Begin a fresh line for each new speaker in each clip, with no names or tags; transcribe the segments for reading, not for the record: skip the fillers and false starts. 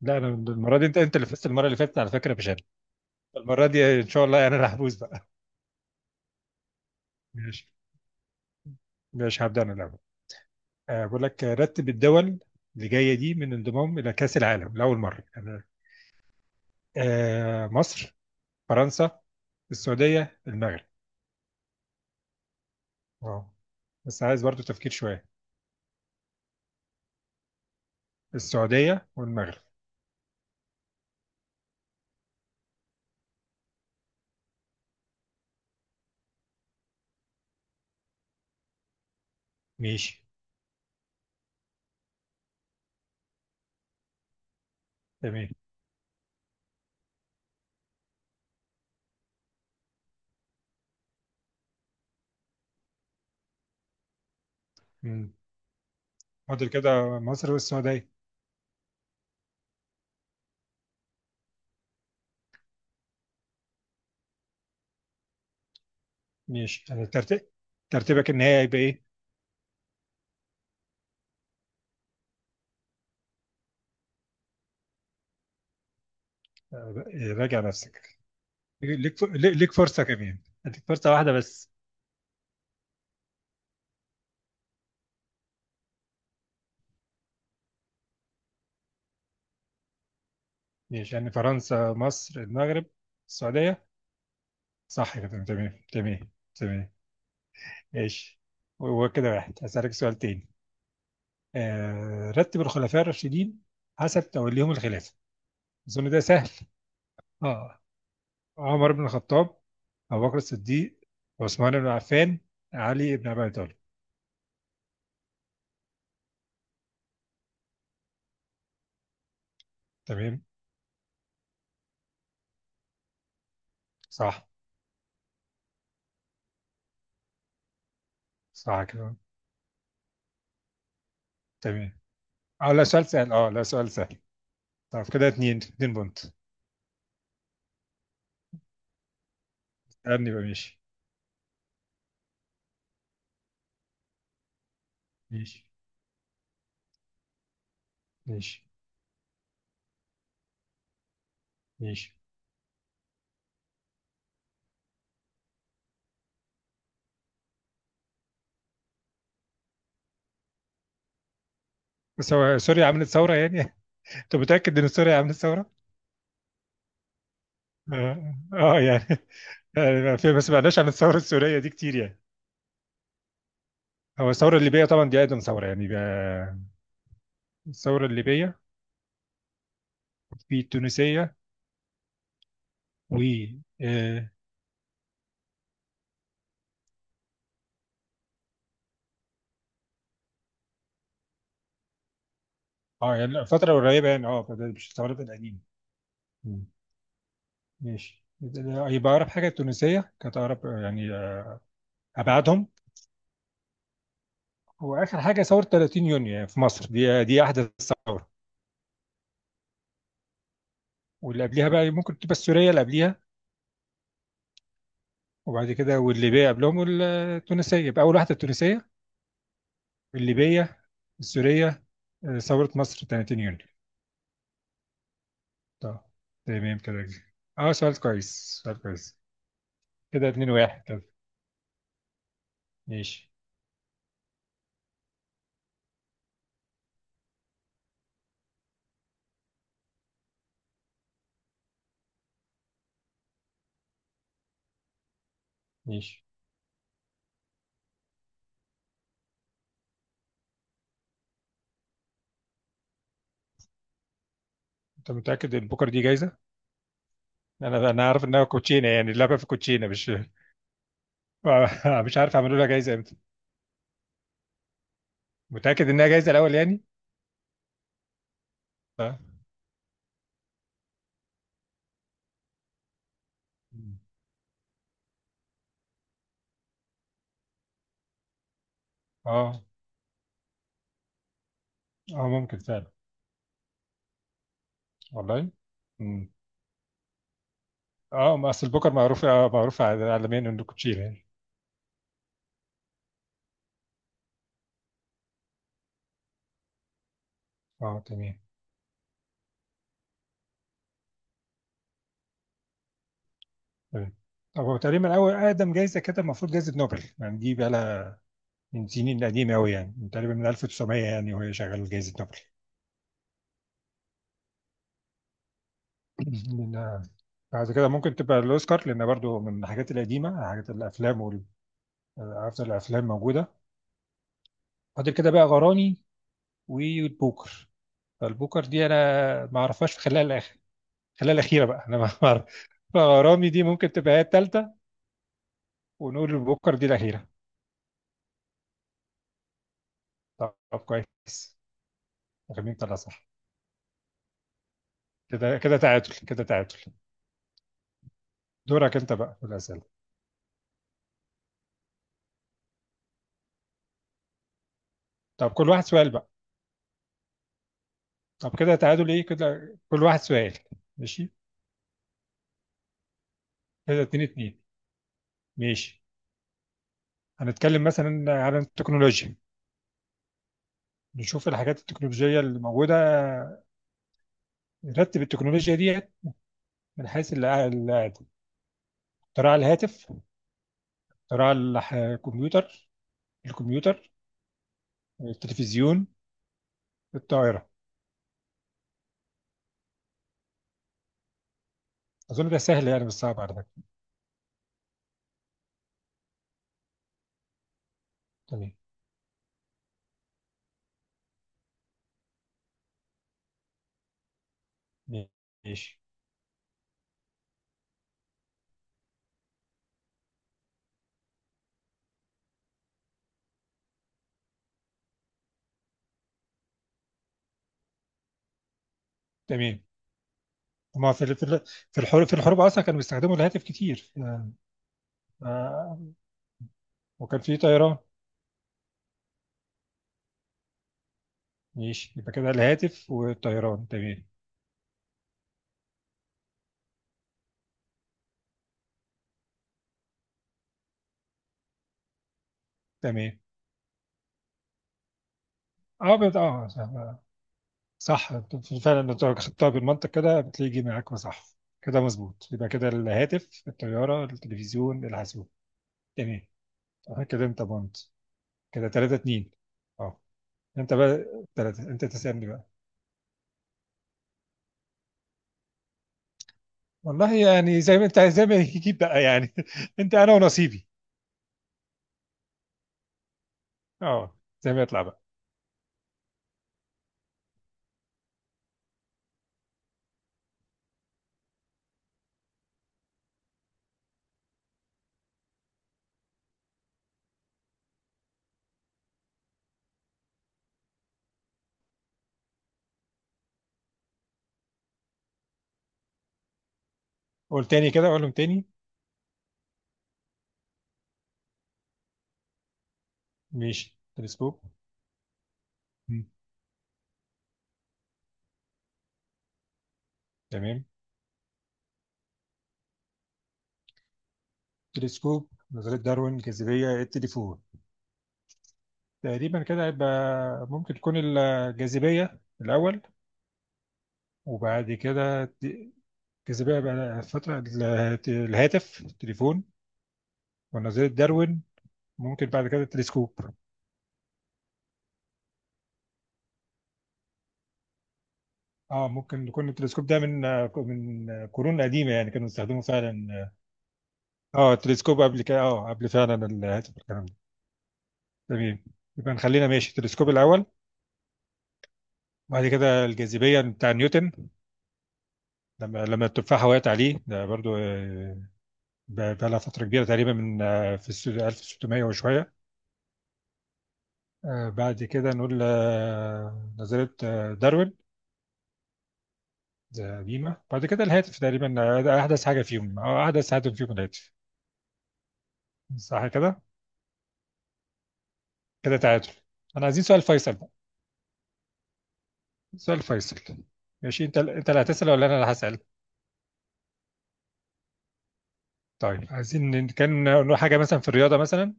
لا، انا المره دي انت اللي فزت المره اللي فاتت على فكره، مش انا. المره دي ان شاء الله انا اللي هفوز بقى. ماشي. ماشي، هبدا انا الاول. بقول لك، رتب الدول اللي جايه دي من انضمام الى كاس العالم لاول مره، يعني. مصر، فرنسا، السعوديه، المغرب. اه، بس عايز برضو تفكير شويه. السعوديه والمغرب. ماشي. تمام. مم. فاضل كده مصر والسعوديه. ماشي، يعني ترتيبك النهائي هيبقى ايه؟ راجع نفسك. ليك ف- ليك ليك فرصة كمان. هديك فرصة واحدة بس. ماشي، يعني فرنسا، مصر، المغرب، السعودية. صح كده. تمام تمام تمام. ماشي. هو كده واحد. هسألك سؤال تاني. رتب الخلفاء الراشدين حسب توليهم الخلافة. أظن ده سهل. اه. عمر بن الخطاب، أبو بكر الصديق، عثمان بن عفان، علي بن أبي طالب. تمام. صح. صح كده. تمام. اه، لا سؤال سهل. اه، لا سؤال سهل. طب كده اتنين اتنين بونت. اسألني بقى. ماشي. ماشي. ماشي. ماشي. سوريا عملت ثورة، يعني. انت متأكد ان سوريا عملت ثورة؟ اه. يعني. يعني ما سمعناش عن الثورة السورية دي كتير، يعني. هو الثورة الليبية طبعا دي أقدم ثورة، يعني، بقى. الثورة الليبية، في التونسية، و. اه، يعني فترة قريبة، يعني، اه، فده مش الثورات القديمة. مم. ماشي، يبقى أقرب حاجة التونسية كانت أقرب، يعني، أبعدهم. وآخر حاجة ثورة 30 يونيو يعني في مصر، دي أحدث ثورة. واللي قبليها بقى ممكن تبقى السورية اللي قبليها. وبعد كده والليبية قبلهم التونسية، يبقى أول واحدة التونسية. الليبية، السورية، ثورة مصر 30 يونيو. طب. تمام كده. اه، سؤال كويس، سؤال كويس. كده 2 1. كده ماشي. ماشي. انت متأكد ان بكرة دي جايزة؟ انا عارف انها كوتشينة، يعني اللعبة في كوتشينة، مش. مش عارف اعملوا لها جايزة امتى. متأكد انها جايزة الأول يعني؟ اه. اه. ممكن فعلا. والله. مم. اه، ما اصل بكر معروف، معروف عالميا انه كوتشينة يعني. اه، تمام. تمام. طب، هو تقريبا اول اقدم جايزه كده المفروض جايزه نوبل، يعني دي بقى لها من سنين قديمه قوي، يعني من تقريبا من 1900، يعني وهي شغاله جايزه نوبل. لأن بعد كده ممكن تبقى الاوسكار، لان برضو من الحاجات القديمه، حاجات الافلام. وافضل الافلام موجوده. فاضل كده بقى غرامي والبوكر. فالبوكر دي انا ما اعرفهاش في خلال الاخيره بقى انا ما اعرف. فغرامي دي ممكن تبقى هي الثالثه. ونقول البوكر دي الاخيره. طب، كويس. فاهمين طلع صح. كده تعادل كده تعادل. دورك انت بقى في الأسئلة. طب كل واحد سؤال بقى. طب كده تعادل ايه؟ كده كل واحد سؤال. ماشي. كده اتنين اتنين. ماشي. هنتكلم مثلا عن التكنولوجيا. نشوف الحاجات التكنولوجية اللي موجودة. نرتب التكنولوجيا دي من حيث اختراع الهاتف، اختراع الكمبيوتر، التلفزيون، الطائرة. أظن ده سهل، يعني مش صعب على فكرة. تمام. ماشي. تمام. هما في الحروب أصلا كانوا بيستخدموا الهاتف كتير. ف- وكان في طيران. ماشي، يبقى كده الهاتف والطيران. تمام. تمام. اه، اه، صح. صح. أنت فعلا لو خدتها بالمنطق كده بتلاقي جه معاك وصح. كده مظبوط، يبقى كده الهاتف، الطيارة، التلفزيون، الحاسوب. تمام. كده انت بونت. كده 3 2. اه، انت بقى. 3، انت تسألني بقى. والله، يعني زي ما يجيب بقى، يعني. انت، انا ونصيبي. اه، زي ما يطلع بقى. قول تاني كده، قولهم تاني. ماشي، تلسكوب. مم. تمام. تلسكوب، نظرية داروين، الجاذبية، التليفون. تقريبا كده هيبقى ممكن تكون الجاذبية الأول. وبعد كده الجاذبية بقى فترة، الهاتف، التليفون. ونظرية داروين. ممكن بعد كده التلسكوب. اه، ممكن يكون التلسكوب ده من قرون قديمة، يعني كانوا بيستخدموا فعلا. اه، التلسكوب قبل كده، اه قبل فعلا الهاتف والكلام ده. تمام. يبقى نخلينا ماشي التلسكوب الأول. بعد كده الجاذبية بتاع نيوتن. لما التفاحة وقعت عليه، ده برضو بقى لها فترة كبيرة تقريبا من، في 1600 وشوية. بعد كده نقول نظرية داروين. ده قديمة. بعد كده الهاتف، تقريبا ده أحدث حاجة فيهم، أو أحدث هاتف فيهم الهاتف. صح كده؟ كده تعادل. أنا عايزين سؤال فيصل بقى. سؤال فيصل. ماشي. أنت اللي هتسأل ولا أنا اللي هسأل؟ طيب، عايزين إن كان نقول حاجة مثلا في الرياضة مثلا.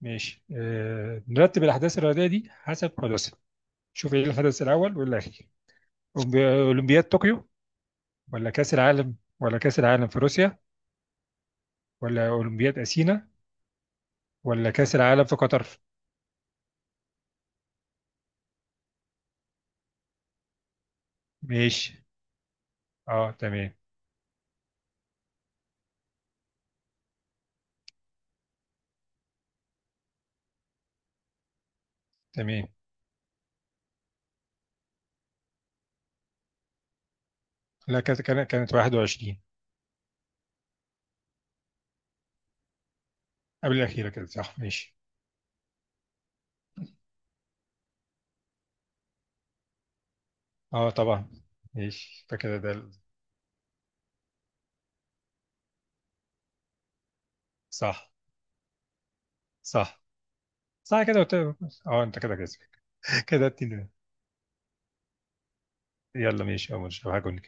ماشي. نرتب الأحداث الرياضية دي حسب حدوثها. شوف إيه الحدث الأول والأخير. أولمبياد طوكيو، ولا كأس العالم في روسيا، ولا أولمبياد أثينا، ولا كأس العالم في قطر. ماشي. اه، تمام. تمام. لا، كانت 21. قبل الأخيرة كده صح. ماشي. اه طبعا. ماشي فكده ده صح. صح. صح كده اه، انت كده كسب. كده اتنين. يلا ماشي يا مش هجن.